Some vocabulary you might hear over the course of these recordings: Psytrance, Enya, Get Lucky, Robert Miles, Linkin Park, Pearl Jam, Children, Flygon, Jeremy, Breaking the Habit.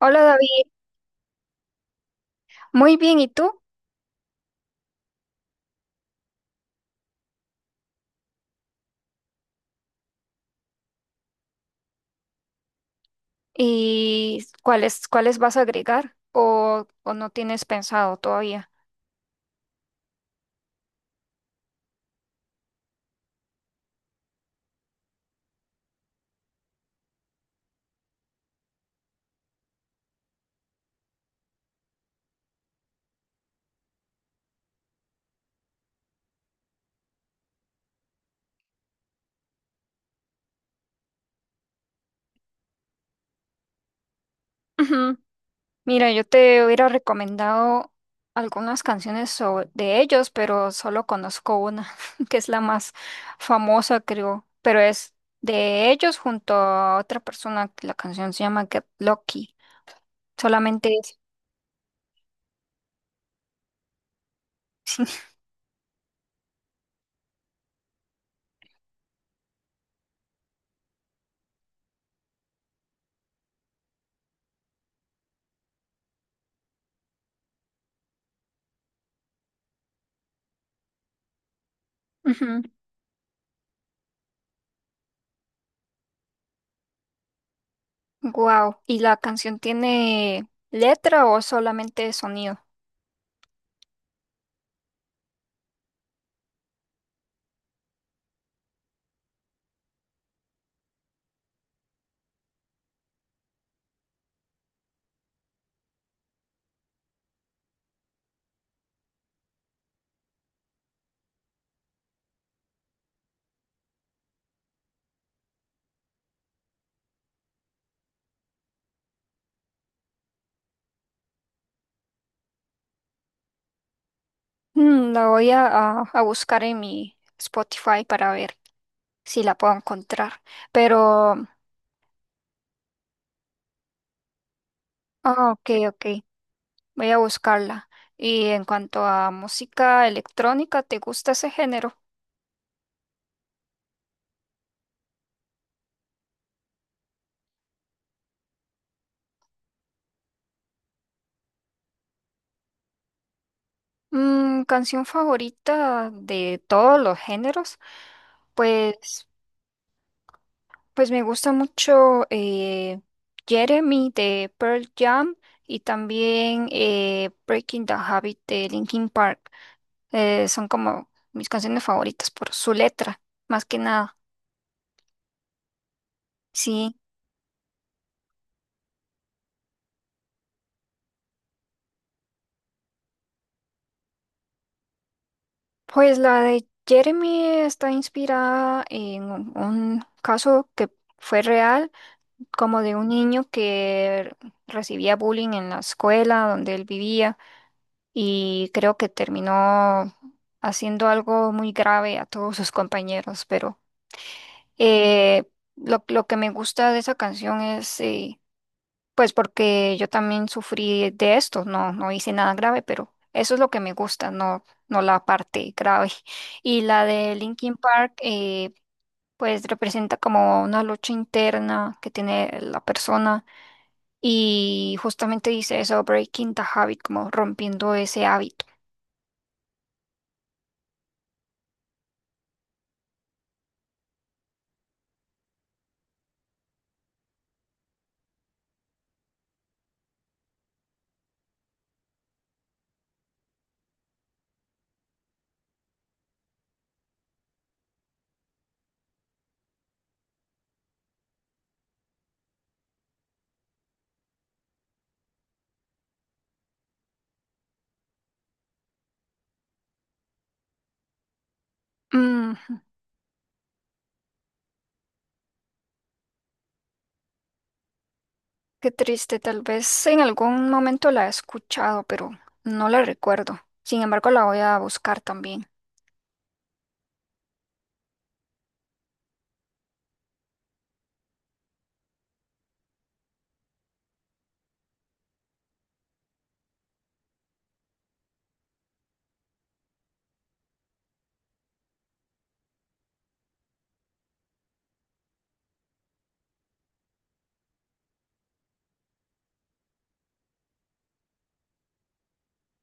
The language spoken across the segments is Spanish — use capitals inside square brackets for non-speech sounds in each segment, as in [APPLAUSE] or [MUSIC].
Hola David, muy bien, ¿y tú? ¿Y cuáles vas a agregar o no tienes pensado todavía? Ujú. Mira, yo te hubiera recomendado algunas canciones de ellos, pero solo conozco una, [LAUGHS] que es la más famosa, creo, pero es de ellos junto a otra persona, que la canción se llama Get Lucky, solamente es. Wow, ¿y la canción tiene letra o solamente sonido? Mm, la voy a buscar en mi Spotify para ver si la puedo encontrar. Pero, ah, ok, ok, voy a buscarla. Y en cuanto a música electrónica, ¿te gusta ese género? Mm, canción favorita de todos los géneros. Pues, pues me gusta mucho Jeremy de Pearl Jam y también Breaking the Habit de Linkin Park. Son como mis canciones favoritas por su letra, más que nada. Sí, pues la de Jeremy está inspirada en un caso que fue real, como de un niño que recibía bullying en la escuela donde él vivía y creo que terminó haciendo algo muy grave a todos sus compañeros, pero eh, lo que me gusta de esa canción es. Pues porque yo también sufrí de esto, no, no hice nada grave, pero eso es lo que me gusta, no, no la parte grave. [LAUGHS] Y la de Linkin Park, pues representa como una lucha interna que tiene la persona y justamente dice eso, breaking the habit, como rompiendo ese hábito. Mm, qué triste, tal vez en algún momento la he escuchado, pero no la recuerdo. Sin embargo, la voy a buscar también.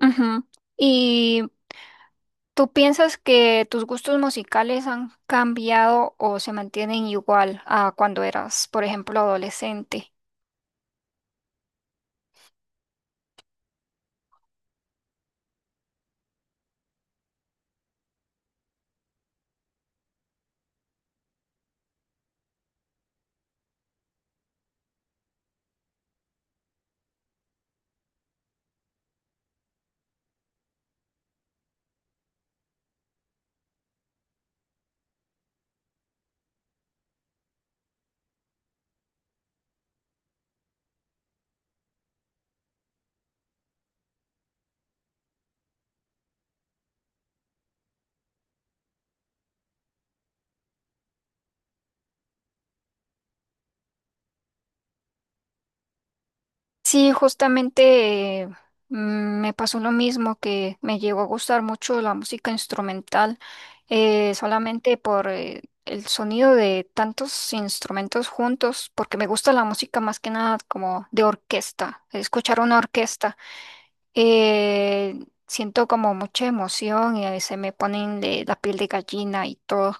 Ujú. ¿Y tú piensas que tus gustos musicales han cambiado o se mantienen igual a cuando eras, por ejemplo, adolescente? Sí, justamente me pasó lo mismo, que me llegó a gustar mucho la música instrumental, solamente por el sonido de tantos instrumentos juntos, porque me gusta la música más que nada como de orquesta, escuchar una orquesta. Eh, Siento como mucha emoción y a veces me ponen de la piel de gallina y todo.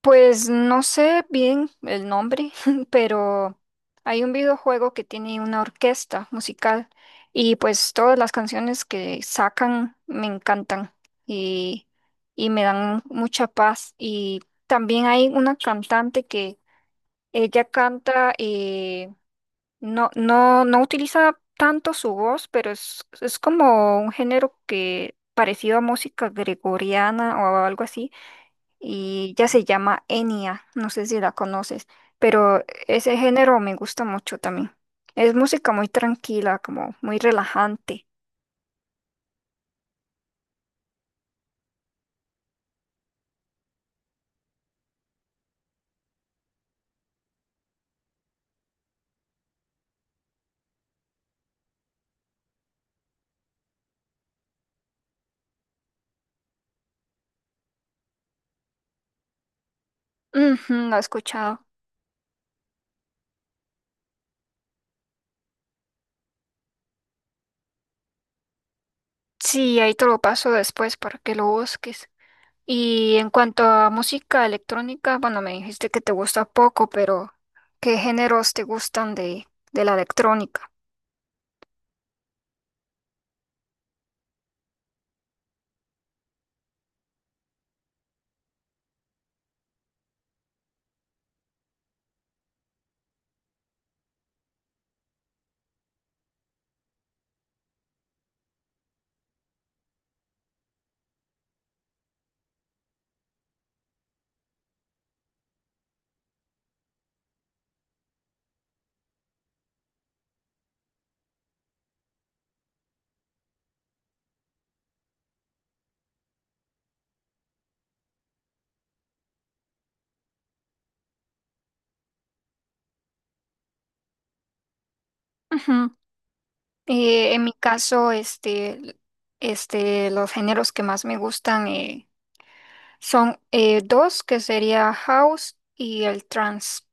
Pues no sé bien el nombre, [LAUGHS] pero hay un videojuego que tiene una orquesta musical y pues todas las canciones que sacan me encantan y, y me dan mucha paz. Y también hay una cantante que ella canta no, no, no utiliza tanto su voz, pero es como un género que parecido a música gregoriana o algo así, y ya se llama Enya, no sé si la conoces, pero ese género me gusta mucho también. Es música muy tranquila, como muy relajante. Ujú, lo he escuchado. Sí, ahí te lo paso después para que lo busques. Y en cuanto a música electrónica, bueno, me dijiste que te gusta poco, pero ¿qué géneros te gustan de la electrónica? Ujú. En mi caso, este, los géneros que más me gustan son dos, que sería house y el trance.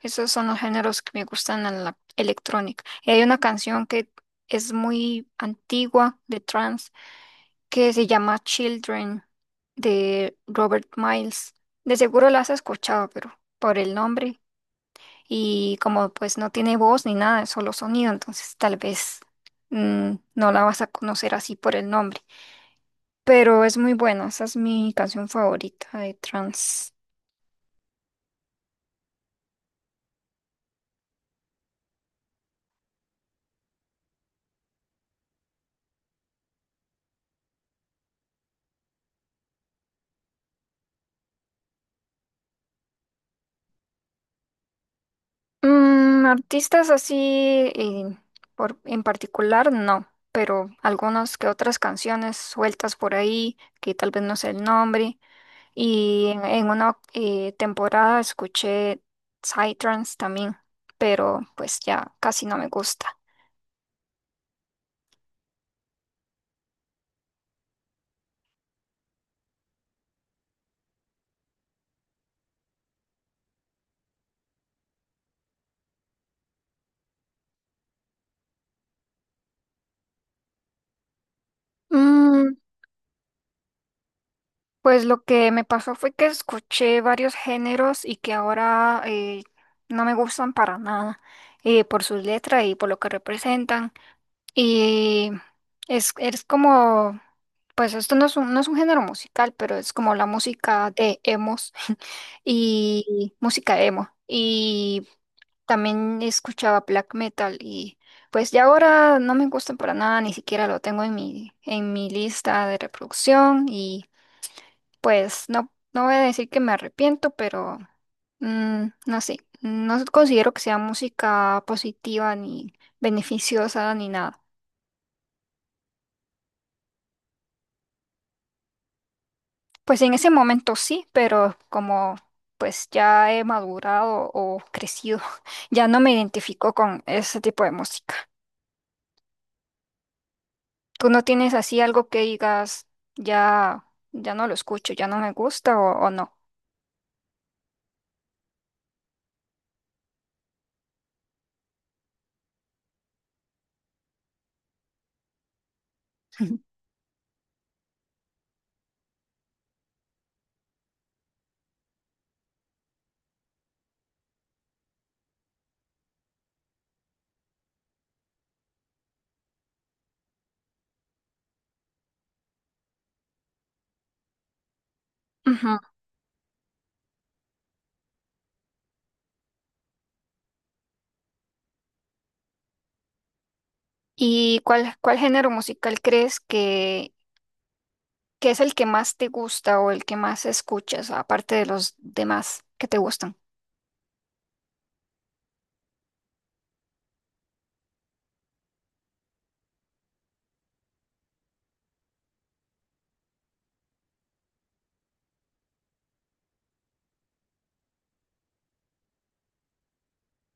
Esos son los géneros que me gustan en la electrónica. Y hay una canción que es muy antigua de trance que se llama Children de Robert Miles. De seguro la has escuchado, pero por el nombre y como pues no tiene voz ni nada, es solo sonido, entonces tal vez no la vas a conocer así por el nombre. Pero es muy buena, esa es mi canción favorita de trans. Mm, artistas así eh, por, en particular, no. Pero algunas que otras canciones sueltas por ahí, que tal vez no sé el nombre, y en una temporada escuché Psytrance también, pero pues ya casi no me gusta. Mm, pues lo que me pasó fue que escuché varios géneros y que ahora no me gustan para nada por sus letras y por lo que representan. Y es como, pues esto no es no es un género musical, pero es como la música de emos [LAUGHS] y música emo. Y también escuchaba black metal y pues ya ahora no me gustan para nada, ni siquiera lo tengo en en mi lista de reproducción y pues no, no voy a decir que me arrepiento, pero mm, no sé, no considero que sea música positiva ni beneficiosa ni nada. Pues en ese momento sí, pero como pues ya he madurado o crecido, [LAUGHS] ya no me identifico con ese tipo de música. ¿Tú no tienes así algo que digas, ya, ya no lo escucho, ya no me gusta o no? [LAUGHS] Ujú. ¿Y cuál género musical crees que es el que más te gusta o el que más escuchas, aparte de los demás que te gustan?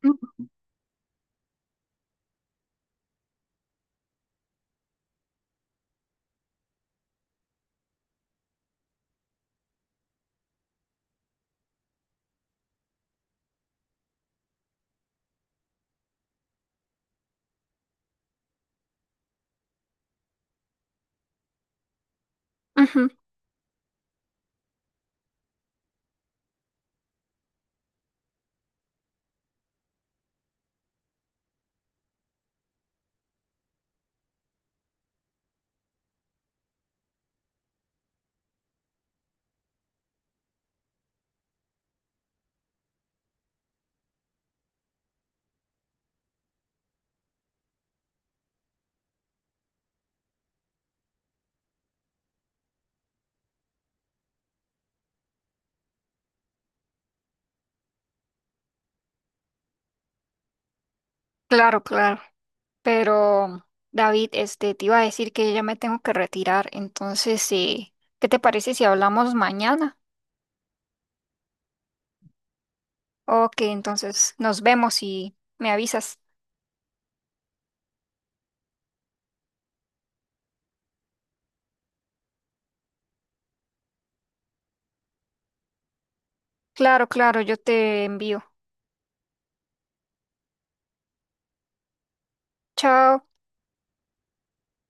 Ujú. Ujú. Claro, claro. Pero, David, este, te iba a decir que ya me tengo que retirar. Entonces, sí, ¿qué te parece si hablamos mañana? Ok, entonces nos vemos y me avisas. Claro, claro, yo te envío. Chao.